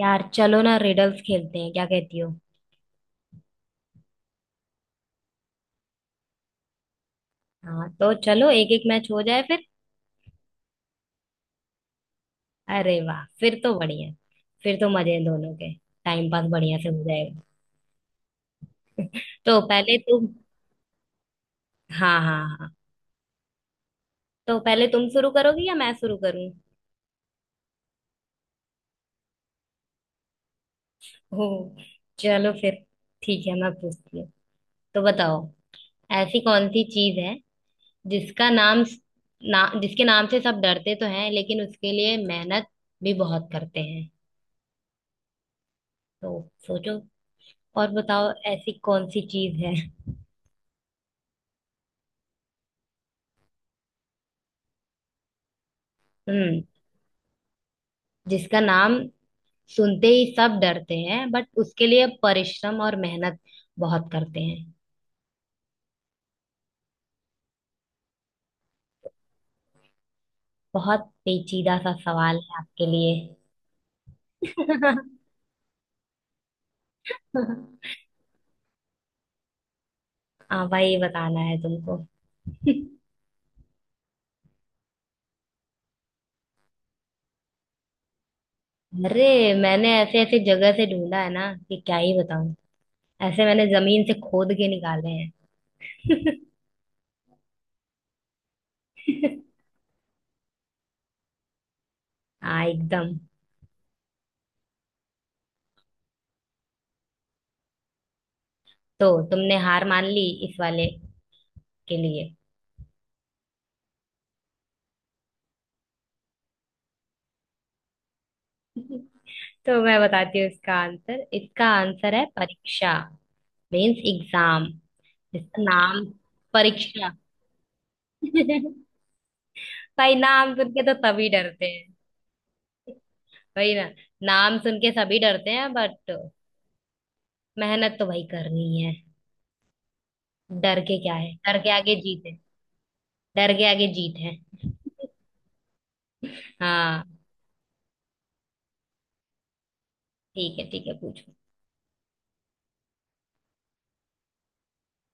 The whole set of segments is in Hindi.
यार, चलो ना, रिडल्स खेलते हैं। क्या कहती हो? हाँ, तो चलो एक एक मैच हो जाए फिर। अरे वाह! फिर तो बढ़िया। फिर तो मजे हैं दोनों के। टाइम पास बढ़िया से हो जाएगा। तो पहले तुम। हाँ, हाँ, हाँ। तो पहले तुम शुरू करोगी या मैं शुरू करूँ? हो। चलो फिर। ठीक है, मैं पूछती हूँ। तो बताओ, ऐसी कौन सी चीज है, जिसका नाम ना जिसके नाम से सब डरते तो हैं, लेकिन उसके लिए मेहनत भी बहुत करते हैं। तो सोचो और बताओ, ऐसी कौन सी चीज है। हम्म। जिसका नाम सुनते ही सब डरते हैं, बट उसके लिए परिश्रम और मेहनत बहुत करते हैं। बहुत पेचीदा सा सवाल है आपके लिए। हाँ भाई, ये बताना है तुमको। अरे, मैंने ऐसे ऐसे जगह से ढूंढा है ना कि क्या ही बताऊं। ऐसे मैंने जमीन से खोद के निकाले हैं। हाँ एकदम। तो तुमने हार मान ली इस वाले के लिए? तो मैं बताती हूँ इसका आंसर। इसका आंसर है परीक्षा। Means exam. इसका नाम परीक्षा। भाई, नाम सुन के तो सभी डरते हैं। वही ना। नाम सुन के सभी डरते हैं, बट मेहनत तो भाई करनी है। डर के क्या है? डर के आगे जीत है। डर के आगे जीत है। हाँ। ठीक है, ठीक है, पूछो।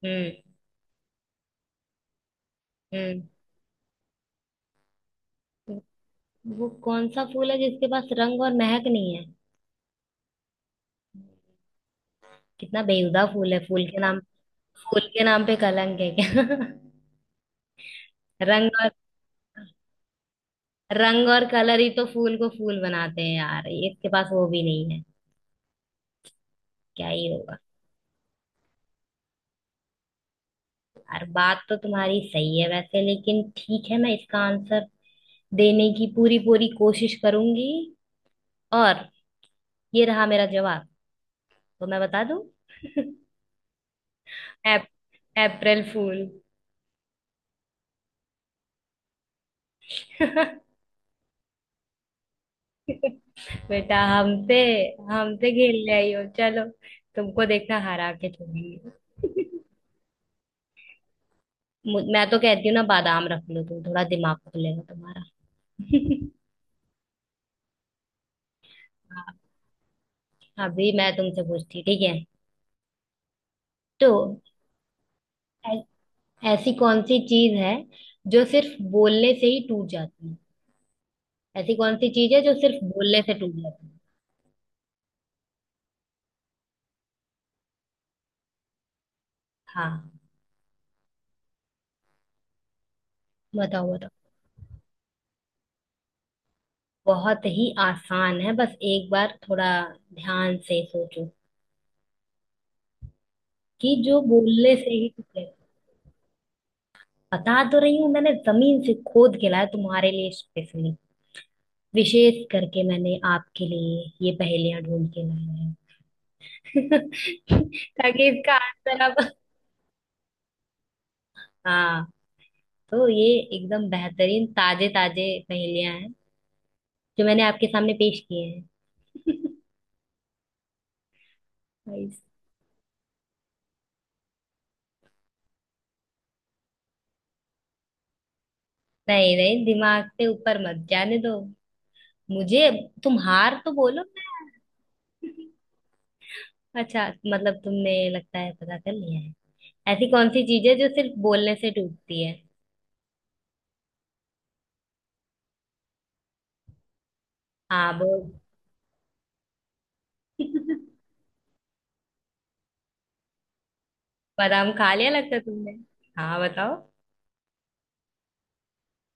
हम्म। हम्म। वो कौन सा फूल है जिसके पास रंग और महक नहीं है? कितना बेहुदा फूल है। फूल के नाम पे कलंक है क्या? रंग और रंग और कलर ही तो फूल को फूल बनाते हैं यार, इसके पास वो भी नहीं है। क्या ही होगा। यार, बात तो तुम्हारी सही है वैसे, लेकिन ठीक है, मैं इसका आंसर देने की पूरी पूरी कोशिश करूंगी। और, ये रहा मेरा जवाब। तो मैं बता दूं। अप, अप्रैल फूल। बेटा हमसे हमसे खेलने आई हो, चलो। तुमको देखना, हरा के छोड़ेंगे। मैं तो कहती हूँ ना, बादाम रख लो तुम, थोड़ा दिमाग खुलेगा तुम्हारा। हाँ, अभी मैं तुमसे पूछती, ठीक है? तो, ऐ- ऐसी कौन सी चीज है जो सिर्फ बोलने से ही टूट जाती है? ऐसी कौन सी चीज है जो सिर्फ बोलने से टूट जाती है? हाँ, बताओ बताओ। बहुत ही आसान है, बस एक बार थोड़ा ध्यान से सोचो कि जो बोलने से ही टूटे। बता तो रही हूँ, मैंने जमीन से खोद के लाया तुम्हारे लिए स्पेशली। विशेष करके मैंने आपके लिए ये पहेलियां ढूंढ के लाया है। ताकि इसका आंसर आप। हाँ। तो ये एकदम बेहतरीन ताजे ताजे पहेलियां हैं जो मैंने आपके सामने पेश किए हैं। भाई। नहीं, नहीं, दिमाग से ऊपर मत जाने दो मुझे। तुम हार तो बोलो ना। अच्छा, मतलब तुमने लगता है पता कर लिया है। ऐसी कौन सी चीज है जो सिर्फ बोलने से टूटती है? हाँ बोल। बादाम खा लिया लगता है तुमने। हाँ बताओ।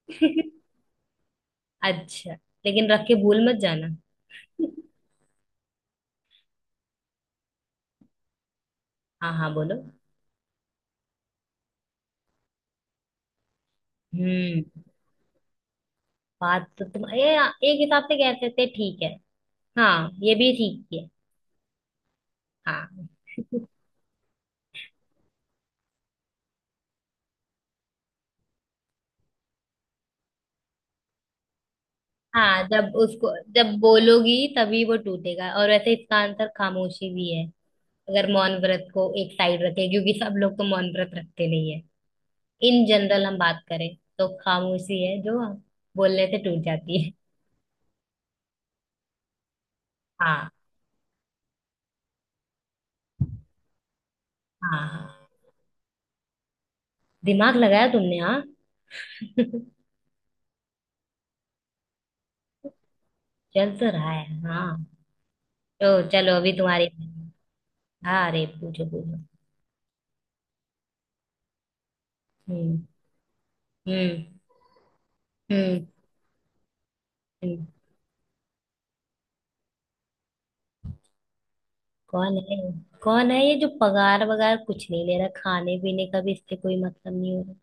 अच्छा, लेकिन रख के भूल मत जाना। हाँ, हाँ, बोलो। हम्म। बात तो तुम ये एक हिसाब से कह सकते हैं, ठीक है। हाँ, ये भी ठीक है। हाँ। हाँ, जब बोलोगी तभी वो टूटेगा, और वैसे इसका आंसर खामोशी भी है। अगर मौन व्रत को एक साइड रखें, क्योंकि सब लोग तो मौन व्रत रखते नहीं है। इन जनरल हम बात करें, तो खामोशी है जो बोलने से टूट जाती है। हाँ, हाँ, हाँ। दिमाग लगाया तुमने, हाँ। चल तो रहा है, हाँ। तो चलो, अभी तुम्हारी। हाँ, अरे पूछो पूछो। हम्म। हम्म। हम्म। हम्म। कौन है? कौन है ये जो पगार वगार कुछ नहीं ले रहा, खाने पीने का भी इससे कोई मतलब नहीं हो रहा?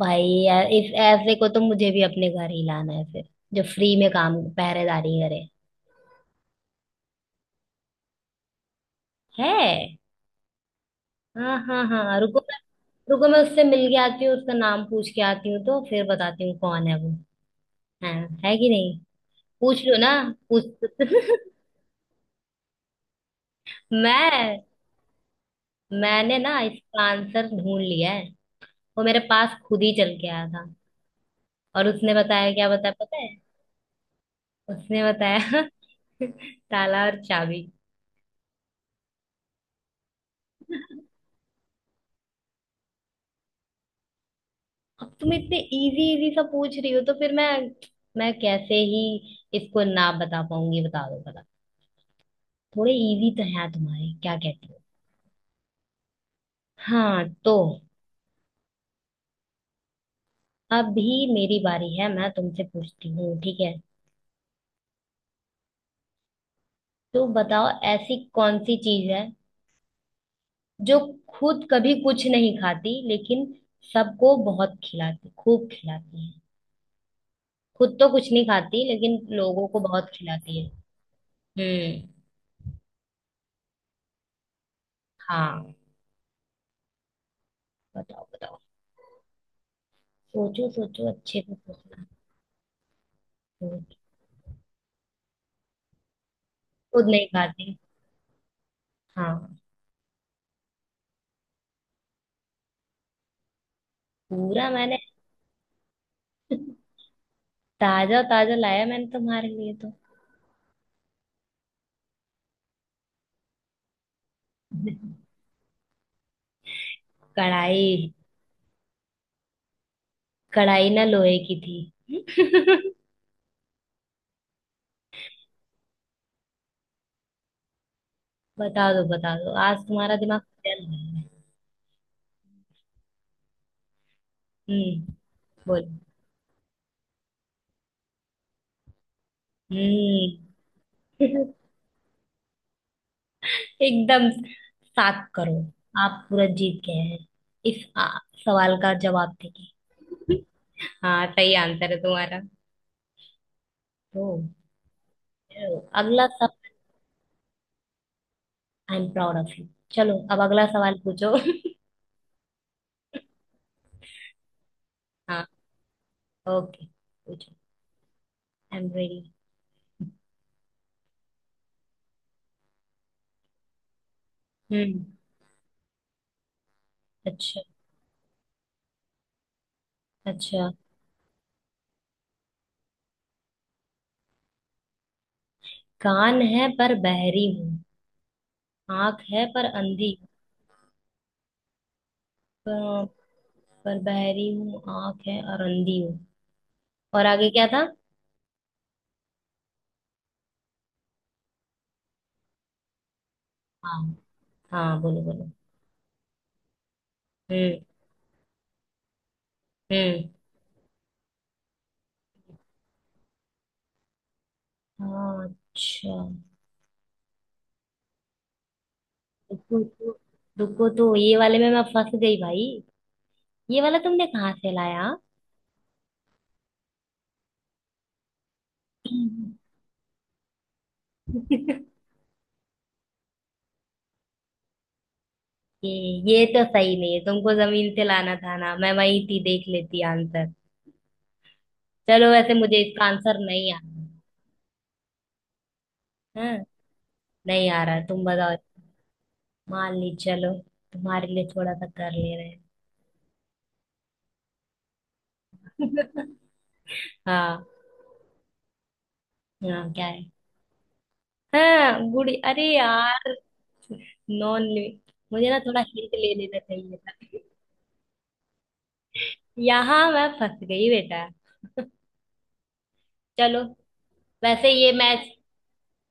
भाई यार, इस ऐसे को तो मुझे भी अपने घर ही लाना है फिर, जो फ्री में काम पहरेदारी करे। है। हाँ, हाँ, हाँ, रुको मैं। रुको, मैं उससे मिल के आती हूँ, उसका नाम पूछ के आती हूँ, तो फिर बताती हूँ कौन है वो। है। है कि नहीं। पूछ लो ना। पूछ। मैं। मैंने ना इसका आंसर ढूंढ लिया है। वो मेरे पास खुद ही चल के आया था। और उसने बताया, क्या बताया पता है? उसने बताया। ताला और चाबी। अब तुम इतने इजी इजी सा पूछ रही हो तो फिर मैं कैसे ही इसको ना बता पाऊंगी, बता दो बता। थोड़े इजी तो है तुम्हारे, क्या कहती हो? हाँ तो, अभी मेरी बारी है, मैं तुमसे पूछती हूँ, ठीक है? तो बताओ, ऐसी कौन सी चीज है जो खुद कभी कुछ नहीं खाती, लेकिन सबको बहुत खिलाती, खूब खिलाती है। खुद तो कुछ नहीं खाती लेकिन लोगों को बहुत खिलाती है। हम्म। हाँ, बताओ बताओ। सोचो सोचो, अच्छे से सोचना। सोच- खुद नहीं खाती, हाँ। पूरा मैंने। ताजा ताजा लाया मैंने तुम्हारे लिए तो। कढ़ाई। कढ़ाई ना लोहे की थी। बता दो बता दो, आज तुम्हारा दिमाग चल रहा है। हम्म। बोलो। हम्म। एकदम सात करो। आप पूरा जीत गए हैं, इस सवाल का जवाब देके। हाँ, सही आंसर है तुम्हारा। तो अगला सवाल। I am proud of you. चलो, अब अगला सवाल पूछो। हाँ। ओके, पूछो। I am ready. हम्म। अच्छा। अच्छा। कान है पर बहरी हूँ। आंख है पर अंधी हूँ। प- पर बहरी हूँ, आंख है और अंधी हूँ। और आगे क्या था? हाँ, हाँ, बोलो बोलो। हम्म। हम्म। हाँ, अच्छा। रुको तो। रुको तो, ये वाले में मैं फंस गई भाई। ये वाला तुमने कहाँ से लाया? ये ये तो सही नहीं है, तुमको जमीन से लाना था ना, मैं वही थी देख लेती आंसर। चलो वैसे, मुझे इसका आंसर नहीं आ रहा। है। नहीं आ रहा, तुम बताओ। मान ली, चलो। तुम्हारे लिए थोड़ा सा कर ले रहे हैं। हाँ। हाँ, क्या है? हाँ गुड़ी, अरे यार। नॉन लिमिट, मुझे ना थोड़ा हिंट ले लेना चाहिए था। यहाँ मैं फंस गई बेटा। चलो, वैसे ये मैच।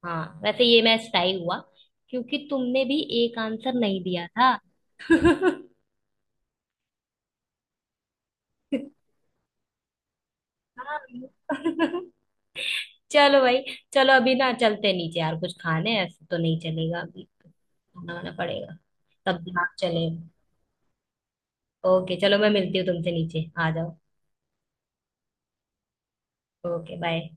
हाँ, वैसे ये मैच टाई हुआ, क्योंकि तुमने भी एक आंसर नहीं दिया था। हाँ। चलो भाई, चलो, अभी ना चलते हैं नीचे यार, कुछ खाने हैं, ऐसे तो नहीं चलेगा, अभी खाना वाना पड़ेगा। तब दिमाग चलेगा। ओके, चलो, मैं मिलती हूँ तुमसे, नीचे आ जाओ। Okay bye.